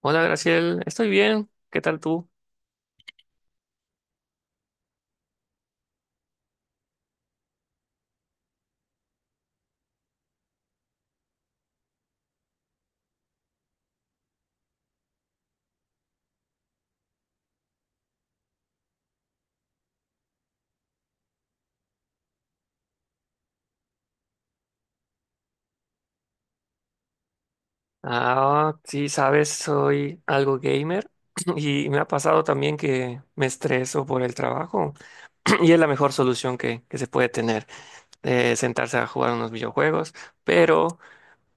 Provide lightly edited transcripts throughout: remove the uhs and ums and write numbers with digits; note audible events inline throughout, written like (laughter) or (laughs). Hola, Graciel, estoy bien. ¿Qué tal tú? Ah, sí, sabes, soy algo gamer (clears throat) y me ha pasado también que me estreso por el trabajo (clears throat) y es la mejor solución que se puede tener, sentarse a jugar unos videojuegos, pero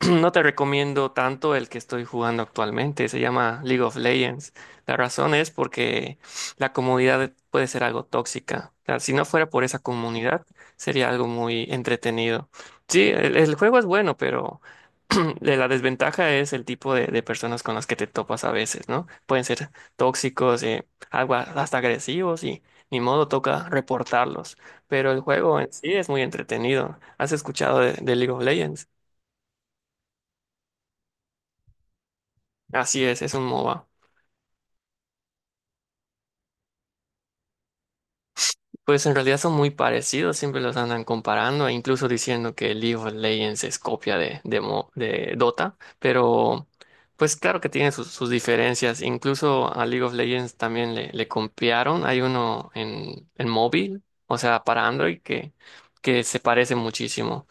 (clears throat) no te recomiendo tanto el que estoy jugando actualmente, se llama League of Legends. La razón es porque la comunidad puede ser algo tóxica. O sea, si no fuera por esa comunidad, sería algo muy entretenido. Sí, el juego es bueno, pero (clears throat) la desventaja es el tipo de personas con las que te topas a veces, ¿no? Pueden ser tóxicos, algo hasta agresivos y ni modo toca reportarlos. Pero el juego en sí es muy entretenido. ¿Has escuchado de League of Legends? Así es un MOBA. Pues en realidad son muy parecidos, siempre los andan comparando e incluso diciendo que League of Legends es copia de Dota, pero pues claro que tiene sus, sus diferencias. Incluso a League of Legends también le copiaron. Hay uno en móvil, o sea, para Android, que se parece muchísimo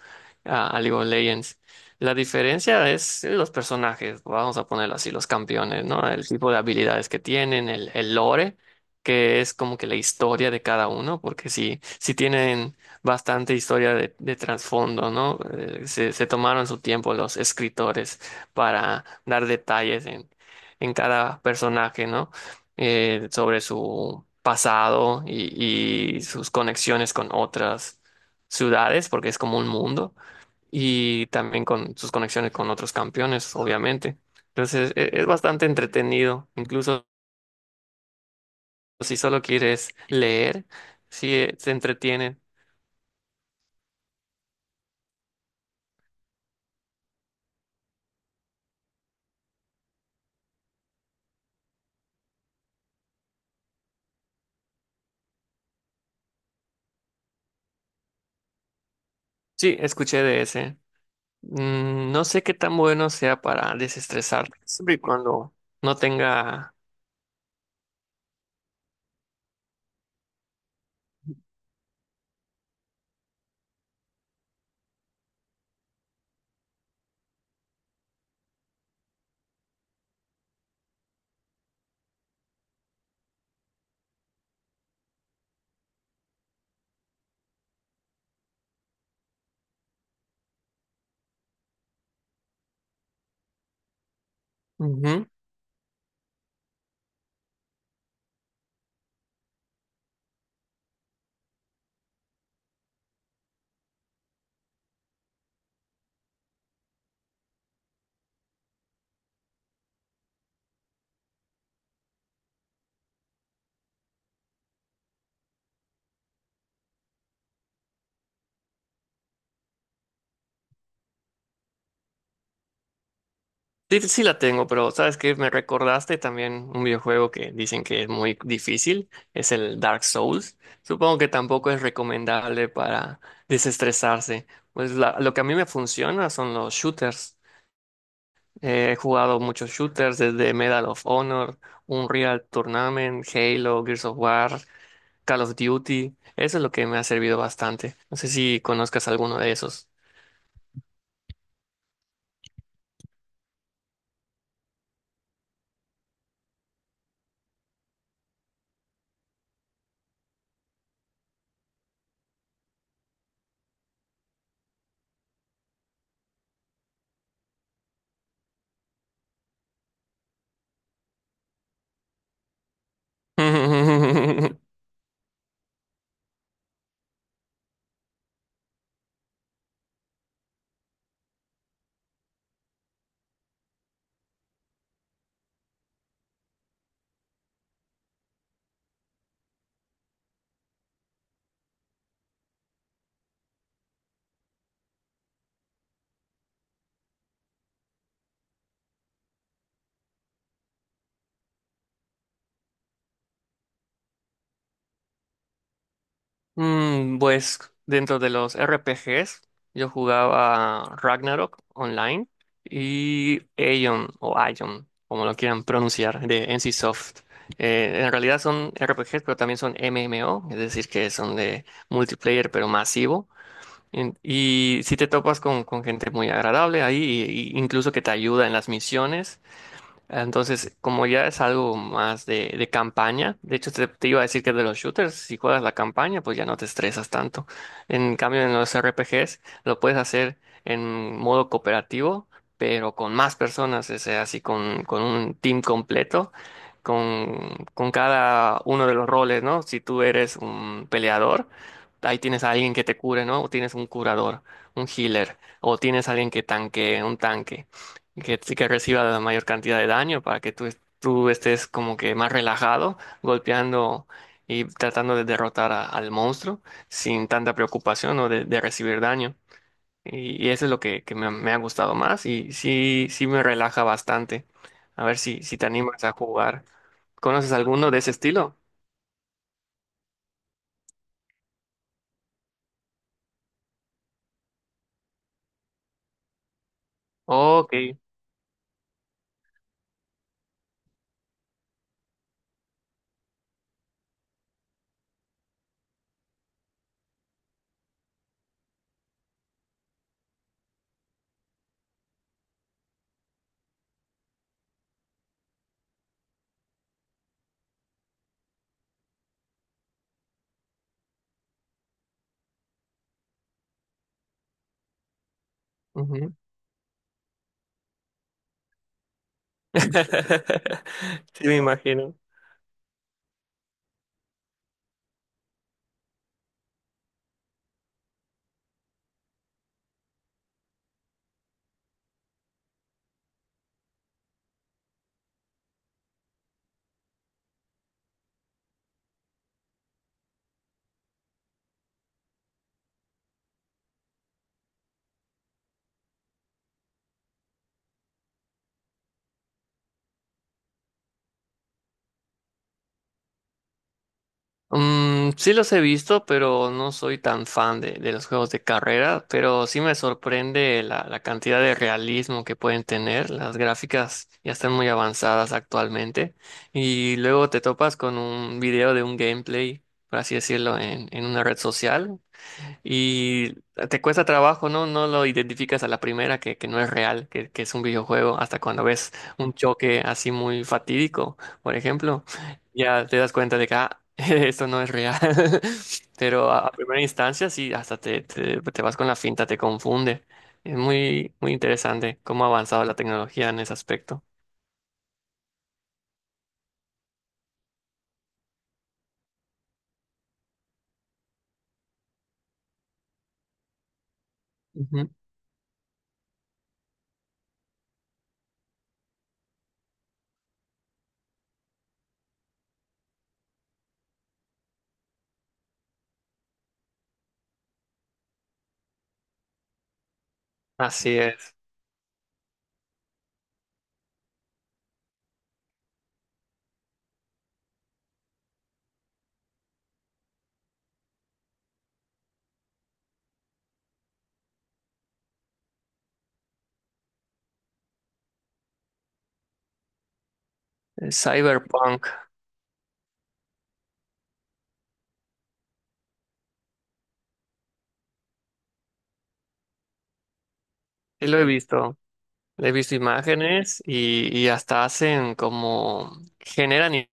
a League of Legends. La diferencia es los personajes, vamos a ponerlo así, los campeones, ¿no? El tipo de habilidades que tienen, el lore, que es como que la historia de cada uno, porque sí, sí tienen bastante historia de trasfondo, ¿no? Se tomaron su tiempo los escritores para dar detalles en cada personaje, ¿no? Sobre su pasado y sus conexiones con otras ciudades, porque es como un mundo, y también con sus conexiones con otros campeones, obviamente. Entonces, es bastante entretenido, incluso o si solo quieres leer, si se entretienen. Sí, escuché de ese. Mm, no sé qué tan bueno sea para desestresar, siempre y cuando no tenga... Ujú. Sí, sí la tengo, pero ¿sabes que Me recordaste también un videojuego que dicen que es muy difícil, es el Dark Souls. Supongo que tampoco es recomendable para desestresarse. Pues lo que a mí me funciona son los shooters. He jugado muchos shooters desde Medal of Honor, Unreal Tournament, Halo, Gears of War, Call of Duty. Eso es lo que me ha servido bastante. No sé si conozcas alguno de esos. (laughs) Mm, pues dentro de los RPGs, yo jugaba Ragnarok Online y Aion o Aion, como lo quieran pronunciar, de NCSoft. En realidad son RPGs, pero también son MMO, es decir, que son de multiplayer, pero masivo. Y si te topas con gente muy agradable ahí, y incluso que te ayuda en las misiones, entonces, como ya es algo más de campaña, de hecho te iba a decir que de los shooters, si juegas la campaña, pues ya no te estresas tanto. En cambio, en los RPGs lo puedes hacer en modo cooperativo, pero con más personas, o sea, así con un team completo, con cada uno de los roles, ¿no? Si tú eres un peleador, ahí tienes a alguien que te cure, ¿no? O tienes un curador, un healer, o tienes a alguien que tanque, un tanque que, sí que reciba la mayor cantidad de daño para que tú, tú estés como que más relajado, golpeando y tratando de derrotar al monstruo sin tanta preocupación o de recibir daño. Y eso es lo que me ha gustado más y sí, sí me relaja bastante. A ver si te animas a jugar. ¿Conoces alguno de ese estilo? Ok. Ujú. (laughs) Sí, me imagino. Mm, sí los he visto, pero no soy tan fan de los juegos de carrera, pero sí me sorprende la cantidad de realismo que pueden tener. Las gráficas ya están muy avanzadas actualmente y luego te topas con un video de un gameplay, por así decirlo, en una red social y te cuesta trabajo, ¿no? No lo identificas a la primera que no es real, que es un videojuego, hasta cuando ves un choque así muy fatídico, por ejemplo, ya te das cuenta de que ah, (laughs) esto no es real. (laughs) Pero a primera instancia sí, hasta te vas con la finta, te confunde. Es muy, muy interesante cómo ha avanzado la tecnología en ese aspecto. Ujú. Así es. El Cyberpunk, sí lo he visto. He visto imágenes y hasta hacen como generan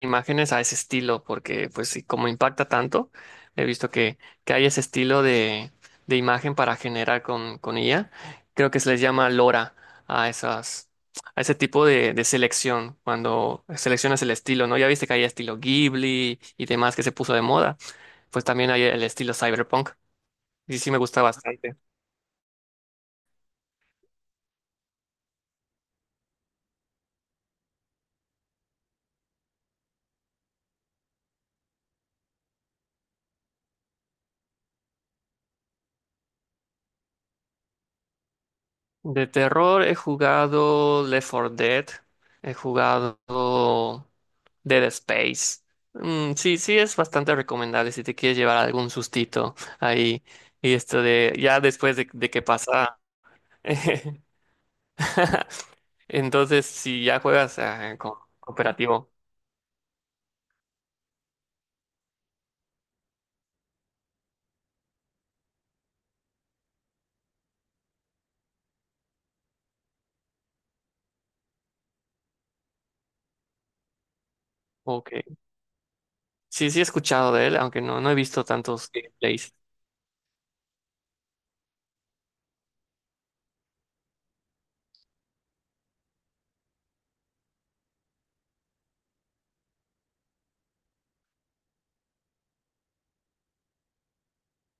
imágenes a ese estilo, porque pues sí, como impacta tanto, he visto que hay ese estilo de imagen para generar con IA. Creo que se les llama LoRa a esas, a ese tipo de selección, cuando seleccionas el estilo, ¿no? Ya viste que hay estilo Ghibli y demás que se puso de moda. Pues también hay el estilo cyberpunk. Y sí me gusta bastante. De terror he jugado Left 4 Dead, he jugado Dead Space. Mm, sí, sí es bastante recomendable si te quieres llevar algún sustito ahí. Y esto de, ya después de que pasa. (laughs) Entonces, si ya juegas ah, cooperativo. Ok. Sí, sí he escuchado de él, aunque no, no he visto tantos gameplays.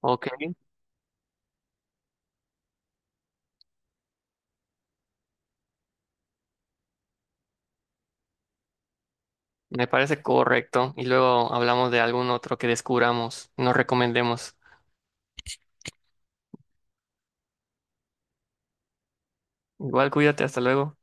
Ok, me parece correcto. Y luego hablamos de algún otro que descubramos, nos recomendemos. Igual cuídate, hasta luego.